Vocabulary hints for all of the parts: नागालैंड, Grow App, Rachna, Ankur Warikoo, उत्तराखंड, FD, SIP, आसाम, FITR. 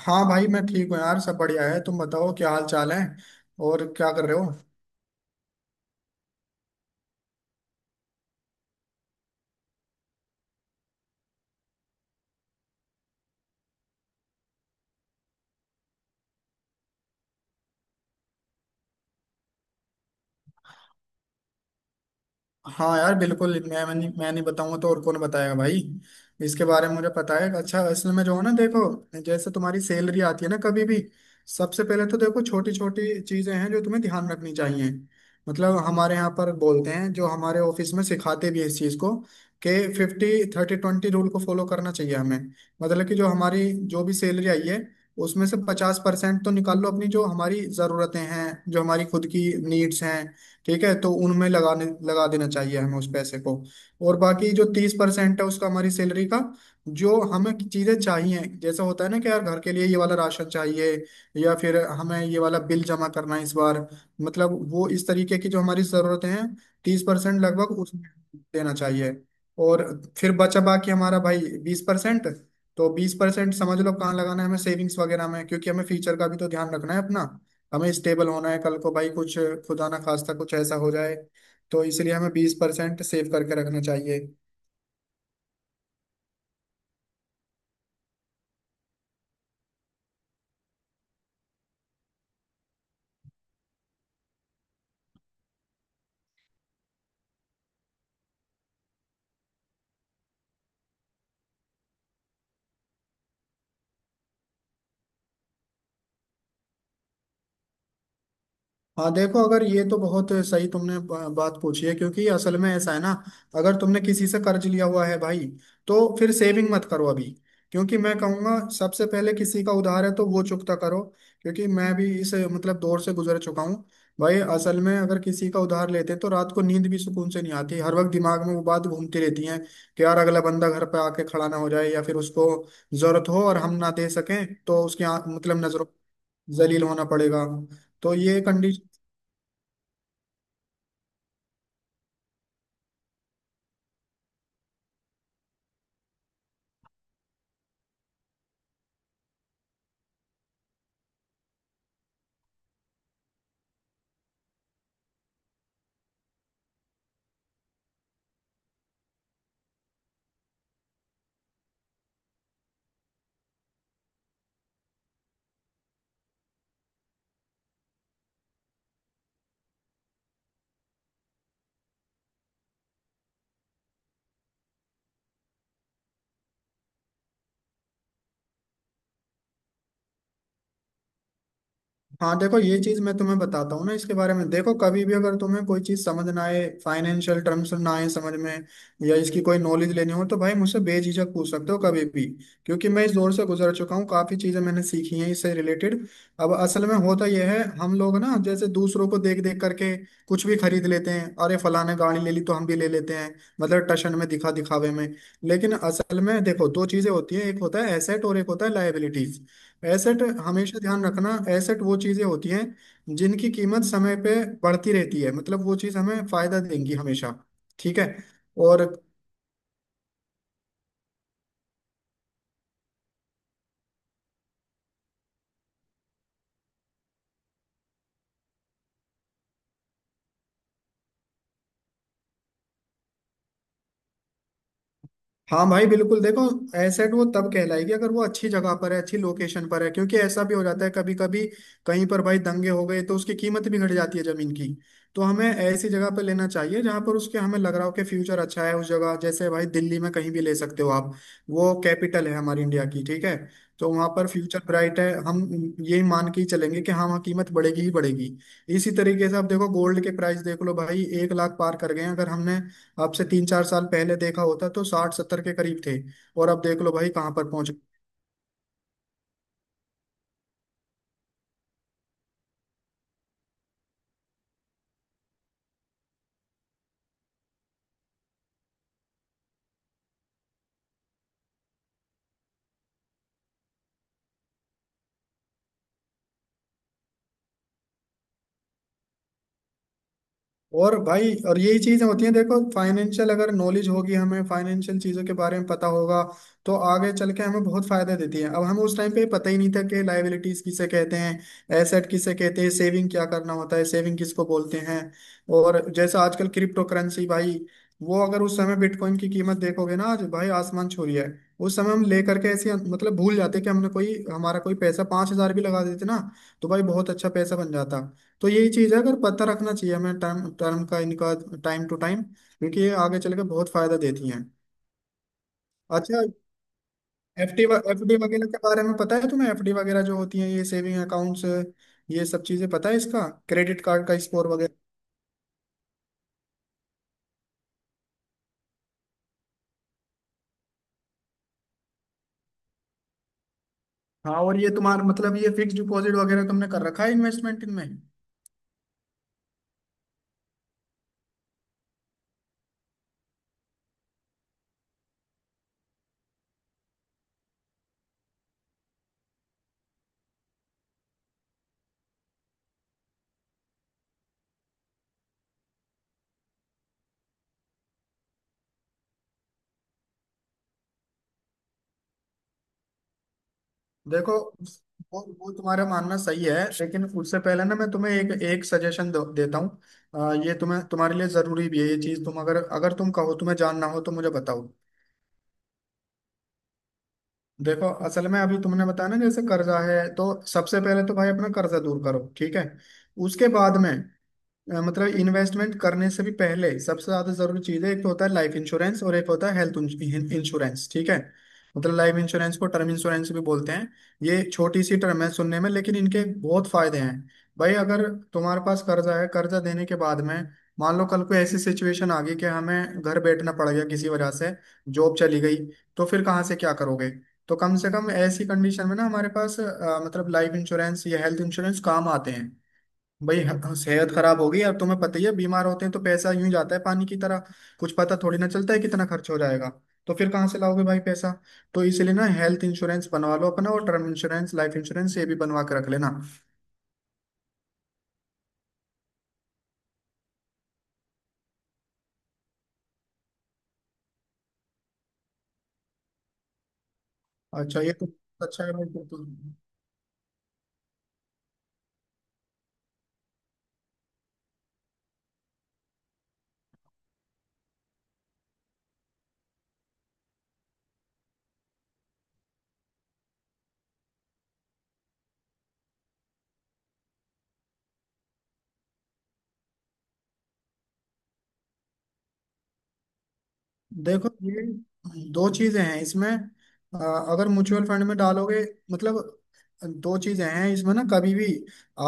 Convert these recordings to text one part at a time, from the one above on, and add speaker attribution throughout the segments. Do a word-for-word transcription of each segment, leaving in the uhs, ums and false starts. Speaker 1: हाँ भाई मैं ठीक हूँ यार, सब बढ़िया है। तुम बताओ क्या हाल चाल है, और क्या कर रहे हो? हाँ यार बिल्कुल। मैं मैं नहीं, मैं नहीं बताऊंगा तो और कौन बताएगा भाई? इसके बारे में मुझे पता है। अच्छा, असल में जो है ना, देखो, जैसे तुम्हारी सैलरी आती है ना कभी भी, सबसे पहले तो देखो छोटी छोटी चीजें हैं जो तुम्हें ध्यान रखनी चाहिए। मतलब हमारे यहाँ पर बोलते हैं, जो हमारे ऑफिस में सिखाते भी हैं इस चीज को, कि फिफ्टी थर्टी ट्वेंटी रूल को फॉलो करना चाहिए हमें। मतलब कि जो हमारी जो भी सैलरी आई है उसमें से पचास परसेंट तो निकाल लो, अपनी जो हमारी ज़रूरतें हैं, जो हमारी खुद की नीड्स हैं, ठीक है, तो उनमें लगाने लगा देना चाहिए हमें उस पैसे को। और बाकी जो तीस परसेंट है उसका, हमारी सैलरी का, जो हमें चीजें चाहिए, जैसा होता है ना कि यार घर के लिए ये वाला राशन चाहिए या फिर हमें ये वाला बिल जमा करना है इस बार, मतलब वो इस तरीके की जो हमारी जरूरतें हैं, तीस परसेंट लगभग उसमें देना चाहिए। और फिर बचा बाकी हमारा भाई बीस परसेंट। तो बीस परसेंट समझ लो कहाँ लगाना है हमें, सेविंग्स वगैरह में, क्योंकि हमें फ्यूचर का भी तो ध्यान रखना है अपना। हमें स्टेबल होना है कल को भाई, कुछ खुदा ना खास्ता कुछ ऐसा हो जाए, तो इसलिए हमें बीस परसेंट सेव करके रखना चाहिए। हाँ देखो, अगर ये, तो बहुत सही तुमने बा- बात पूछी है, क्योंकि असल में ऐसा है ना, अगर तुमने किसी से कर्ज लिया हुआ है भाई तो फिर सेविंग मत करो अभी, क्योंकि मैं कहूँगा सबसे पहले किसी का उधार है तो वो चुकता करो। क्योंकि मैं भी इस मतलब दौर से गुजर चुका हूँ भाई। असल में अगर किसी का उधार लेते हैं तो रात को नींद भी सुकून से नहीं आती, हर वक्त दिमाग में वो बात घूमती रहती है कि यार अगला बंदा घर पे आके खड़ा ना हो जाए या फिर उसको जरूरत हो और हम ना दे सकें तो उसकी आंख- मतलब नजरों जलील होना पड़ेगा। तो ये कंडीशन। हाँ देखो, ये चीज मैं तुम्हें बताता हूँ ना, इसके बारे में देखो कभी भी अगर तुम्हें कोई चीज समझ ना आए, फाइनेंशियल टर्म्स ना आए समझ में, या इसकी कोई नॉलेज लेनी हो तो भाई मुझसे बेझिझक पूछ सकते हो कभी भी। क्योंकि मैं इस दौर से गुजर चुका हूँ, काफी चीजें मैंने सीखी हैं इससे रिलेटेड। अब असल में होता यह है, हम लोग ना जैसे दूसरों को देख देख करके कुछ भी खरीद लेते हैं, अरे फलाने गाड़ी ले ली तो हम भी ले लेते हैं, मतलब टशन में, दिखा दिखावे में। लेकिन असल में देखो, दो चीजें होती है, एक होता है एसेट और एक होता है लाइबिलिटी। एसेट हमेशा ध्यान रखना, एसेट वो चीजें होती हैं जिनकी कीमत समय पे बढ़ती रहती है, मतलब वो चीज हमें फायदा देंगी हमेशा, ठीक है। और हाँ भाई बिल्कुल, देखो एसेट वो तब कहलाएगी अगर वो अच्छी जगह पर है, अच्छी लोकेशन पर है, क्योंकि ऐसा भी हो जाता है कभी कभी, कहीं पर भाई दंगे हो गए तो उसकी कीमत भी घट जाती है जमीन की। तो हमें ऐसी जगह पर लेना चाहिए जहाँ पर उसके हमें लग रहा हो कि फ्यूचर अच्छा है उस जगह, जैसे भाई दिल्ली में कहीं भी ले सकते हो आप, वो कैपिटल है हमारी इंडिया की, ठीक है। तो वहाँ पर फ्यूचर ब्राइट है, हम यही मान के ही चलेंगे कि हाँ वहाँ कीमत बढ़ेगी ही बढ़ेगी। इसी तरीके से आप देखो, गोल्ड के प्राइस देख लो भाई, एक लाख पार कर गए हैं। अगर हमने आपसे तीन चार साल पहले देखा होता तो साठ सत्तर के करीब थे, और अब देख लो भाई कहाँ पर पहुंच। और भाई, और यही चीजें होती हैं, देखो फाइनेंशियल अगर नॉलेज होगी, हमें फाइनेंशियल चीजों के बारे में पता होगा तो आगे चल के हमें बहुत फायदा देती है। अब हमें उस टाइम पे पता ही नहीं था कि लायबिलिटीज किसे कहते हैं, एसेट किसे कहते हैं, सेविंग क्या करना होता है, सेविंग किसको बोलते हैं। और जैसा आजकल क्रिप्टो करेंसी भाई, वो अगर उस समय बिटकॉइन की कीमत देखोगे ना, आज भाई आसमान छू रही है। उस समय हम लेकर के ऐसे मतलब भूल जाते, कि हमने कोई हमारा कोई पैसा पांच हजार भी लगा देते ना तो भाई बहुत अच्छा पैसा बन जाता। तो यही चीज है, अगर पता रखना चाहिए हमें टाइम टर्म का इनका, टाइम टू टाइम, क्योंकि ये आगे चल के बहुत फायदा देती हैं। अच्छा, एफडी एफडी वगैरह के बारे में पता है तुम्हें? एफ डी वगैरह जो होती हैं, ये सेविंग अकाउंट्स, ये सब चीजें पता है? इसका क्रेडिट कार्ड का स्कोर वगैरह? हाँ, और ये तुम्हारा मतलब ये फिक्स डिपॉजिट वगैरह तुमने कर रखा है, इन्वेस्टमेंट इनमें? देखो, वो वो तुम्हारा मानना सही है, लेकिन उससे पहले ना मैं तुम्हें एक एक सजेशन देता हूँ। अ, ये तुम्हें, तुम्हारे लिए जरूरी भी है ये चीज। तुम अगर, अगर तुम कहो तुम्हें जानना हो तो मुझे बताओ। देखो असल में अभी तुमने बताया ना जैसे कर्जा है, तो सबसे पहले तो भाई अपना कर्जा दूर करो, ठीक है। उसके बाद में अ, मतलब इन्वेस्टमेंट करने से भी पहले सबसे ज्यादा जरूरी चीज है, एक तो होता है लाइफ इंश्योरेंस और एक होता है हेल्थ इंश्योरेंस, ठीक है। मतलब लाइफ इंश्योरेंस को टर्म इंश्योरेंस भी बोलते हैं। ये छोटी सी टर्म है सुनने में लेकिन इनके बहुत फायदे हैं। भाई अगर तुम्हारे पास कर्जा है, कर्जा देने के बाद में, मान लो कल को ऐसी सिचुएशन आ गई कि हमें घर बैठना पड़ गया किसी वजह से, जॉब चली गई, तो फिर कहाँ से क्या करोगे? तो कम से कम ऐसी कंडीशन में ना हमारे पास अ, मतलब लाइफ इंश्योरेंस या हेल्थ इंश्योरेंस काम आते हैं। भाई ह- सेहत खराब होगी, और तुम्हें पता ही है, बीमार होते हैं तो पैसा यूं ही जाता है पानी की तरह। कुछ पता थोड़ी ना चलता है कितना खर्च हो जाएगा, तो फिर कहाँ से लाओगे भाई पैसा? तो इसलिए ना हेल्थ इंश्योरेंस बनवा लो अपना, और टर्म इंश्योरेंस, लाइफ इंश्योरेंस, ये भी बनवा के रख लेना। अच्छा ये तो अच्छा है भाई, फिर तो। देखो ये दो चीजें हैं इसमें, अ, अगर म्यूचुअल फंड में डालोगे, मतलब दो चीजें हैं इसमें ना, कभी भी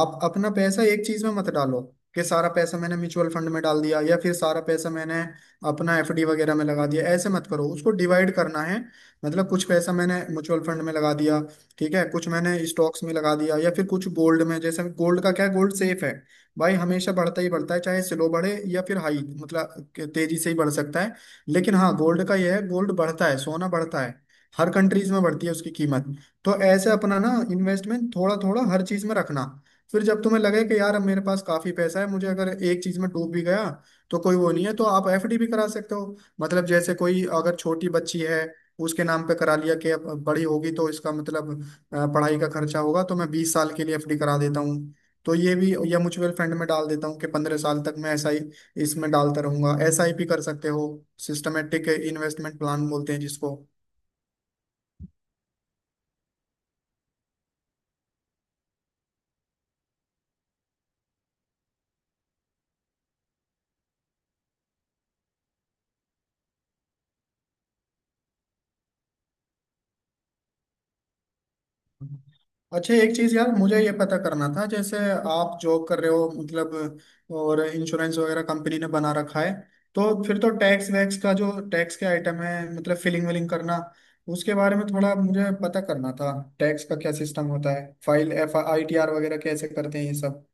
Speaker 1: आप अपना पैसा एक चीज में मत डालो, कि सारा पैसा मैंने म्यूचुअल फंड में डाल दिया या फिर सारा पैसा मैंने अपना एफ डी वगैरह में लगा दिया, ऐसे मत करो, उसको डिवाइड करना है। मतलब कुछ पैसा मैंने म्यूचुअल फंड में लगा दिया, ठीक है, कुछ मैंने स्टॉक्स में लगा दिया, या फिर कुछ गोल्ड में। जैसे गोल्ड का क्या है, गोल्ड सेफ है भाई, हमेशा बढ़ता ही बढ़ता है, चाहे स्लो बढ़े या फिर हाई, मतलब तेजी से ही बढ़ सकता है। लेकिन हाँ, गोल्ड का यह है, गोल्ड बढ़ता है, सोना बढ़ता है, हर कंट्रीज में बढ़ती है उसकी कीमत। तो ऐसे अपना ना इन्वेस्टमेंट थोड़ा थोड़ा हर चीज में रखना। फिर जब तुम्हें लगे कि यार अब मेरे पास काफी पैसा है, मुझे अगर एक चीज में डूब भी गया तो कोई वो नहीं है, तो आप एफ डी भी करा सकते हो, मतलब जैसे कोई अगर छोटी बच्ची है, उसके नाम पे करा लिया कि अब बड़ी होगी तो इसका मतलब अ, पढ़ाई का खर्चा होगा, तो मैं बीस साल के लिए एफ डी करा देता हूँ। तो ये भी, या म्यूचुअल फंड में डाल देता हूँ, कि पंद्रह साल तक मैं ऐसा ही इसमें डालता रहूंगा, एस आई पी कर सकते हो, सिस्टमेटिक इन्वेस्टमेंट प्लान बोलते हैं जिसको। अच्छा, एक चीज यार मुझे ये पता करना था। जैसे आप जॉब कर रहे हो मतलब, और इंश्योरेंस वगैरह कंपनी ने बना रखा है, तो फिर तो टैक्स वैक्स का, जो टैक्स के आइटम है, मतलब फिलिंग विलिंग करना, उसके बारे में थोड़ा मुझे पता करना था। टैक्स का क्या सिस्टम होता है, file F I T R वगैरह कैसे करते हैं ये सब?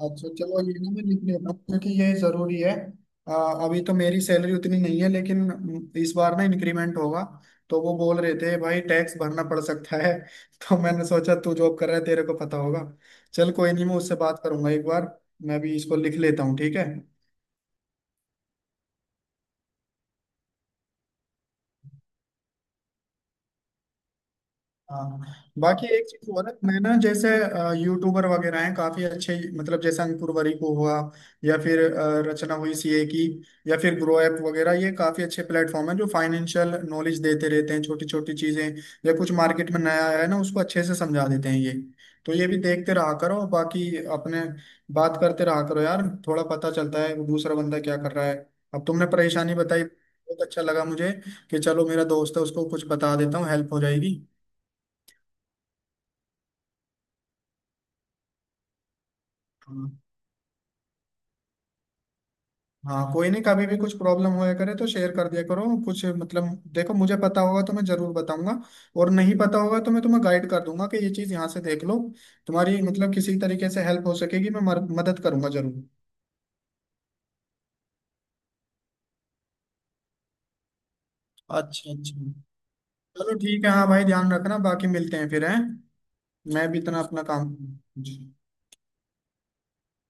Speaker 1: अच्छा चलो, ये ना मैं लिख लेता हूँ, क्योंकि ये जरूरी है। अ, अभी तो मेरी सैलरी उतनी नहीं है लेकिन इस बार ना इंक्रीमेंट होगा, तो वो बोल रहे थे भाई टैक्स भरना पड़ सकता है तो मैंने सोचा तू जॉब कर रहा है तेरे को पता होगा। चल कोई नहीं, मैं उससे बात करूंगा एक बार। मैं भी इसको लिख लेता हूँ, ठीक है। हाँ, बाकी एक चीज और है। मैं ना, जैसे यूट्यूबर वगैरह हैं काफी अच्छे, मतलब जैसे अंकुर वरीको हुआ, या फिर अ, रचना हुई सी ए की, या फिर ग्रो ऐप वगैरह, ये काफी अच्छे प्लेटफॉर्म हैं जो फाइनेंशियल नॉलेज देते रहते हैं, छोटी छोटी चीजें, या कुछ मार्केट में नया आया है ना उसको अच्छे से समझा देते हैं ये। तो ये भी देखते रहा करो। बाकी अपने बात करते रहा करो यार, थोड़ा पता चलता है वो दूसरा बंदा क्या कर रहा है। अब तुमने परेशानी बताई, बहुत अच्छा लगा मुझे, कि चलो मेरा दोस्त है उसको कुछ बता देता हूँ, हेल्प हो जाएगी। हाँ कोई नहीं, कभी भी कुछ प्रॉब्लम होया करे तो शेयर कर दिया करो कुछ, मतलब देखो मुझे पता होगा तो मैं जरूर बताऊंगा, और नहीं पता होगा तो मैं तुम्हें गाइड कर दूंगा कि ये चीज़ यहाँ से देख लो, तुम्हारी मतलब किसी तरीके से हेल्प हो सकेगी, मैं मर- मदद करूंगा जरूर। अच्छा अच्छा, चलो ठीक है। हाँ भाई ध्यान रखना, बाकी मिलते हैं फिर, हैं। मैं भी इतना अपना काम। जी।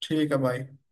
Speaker 1: ठीक है भाई।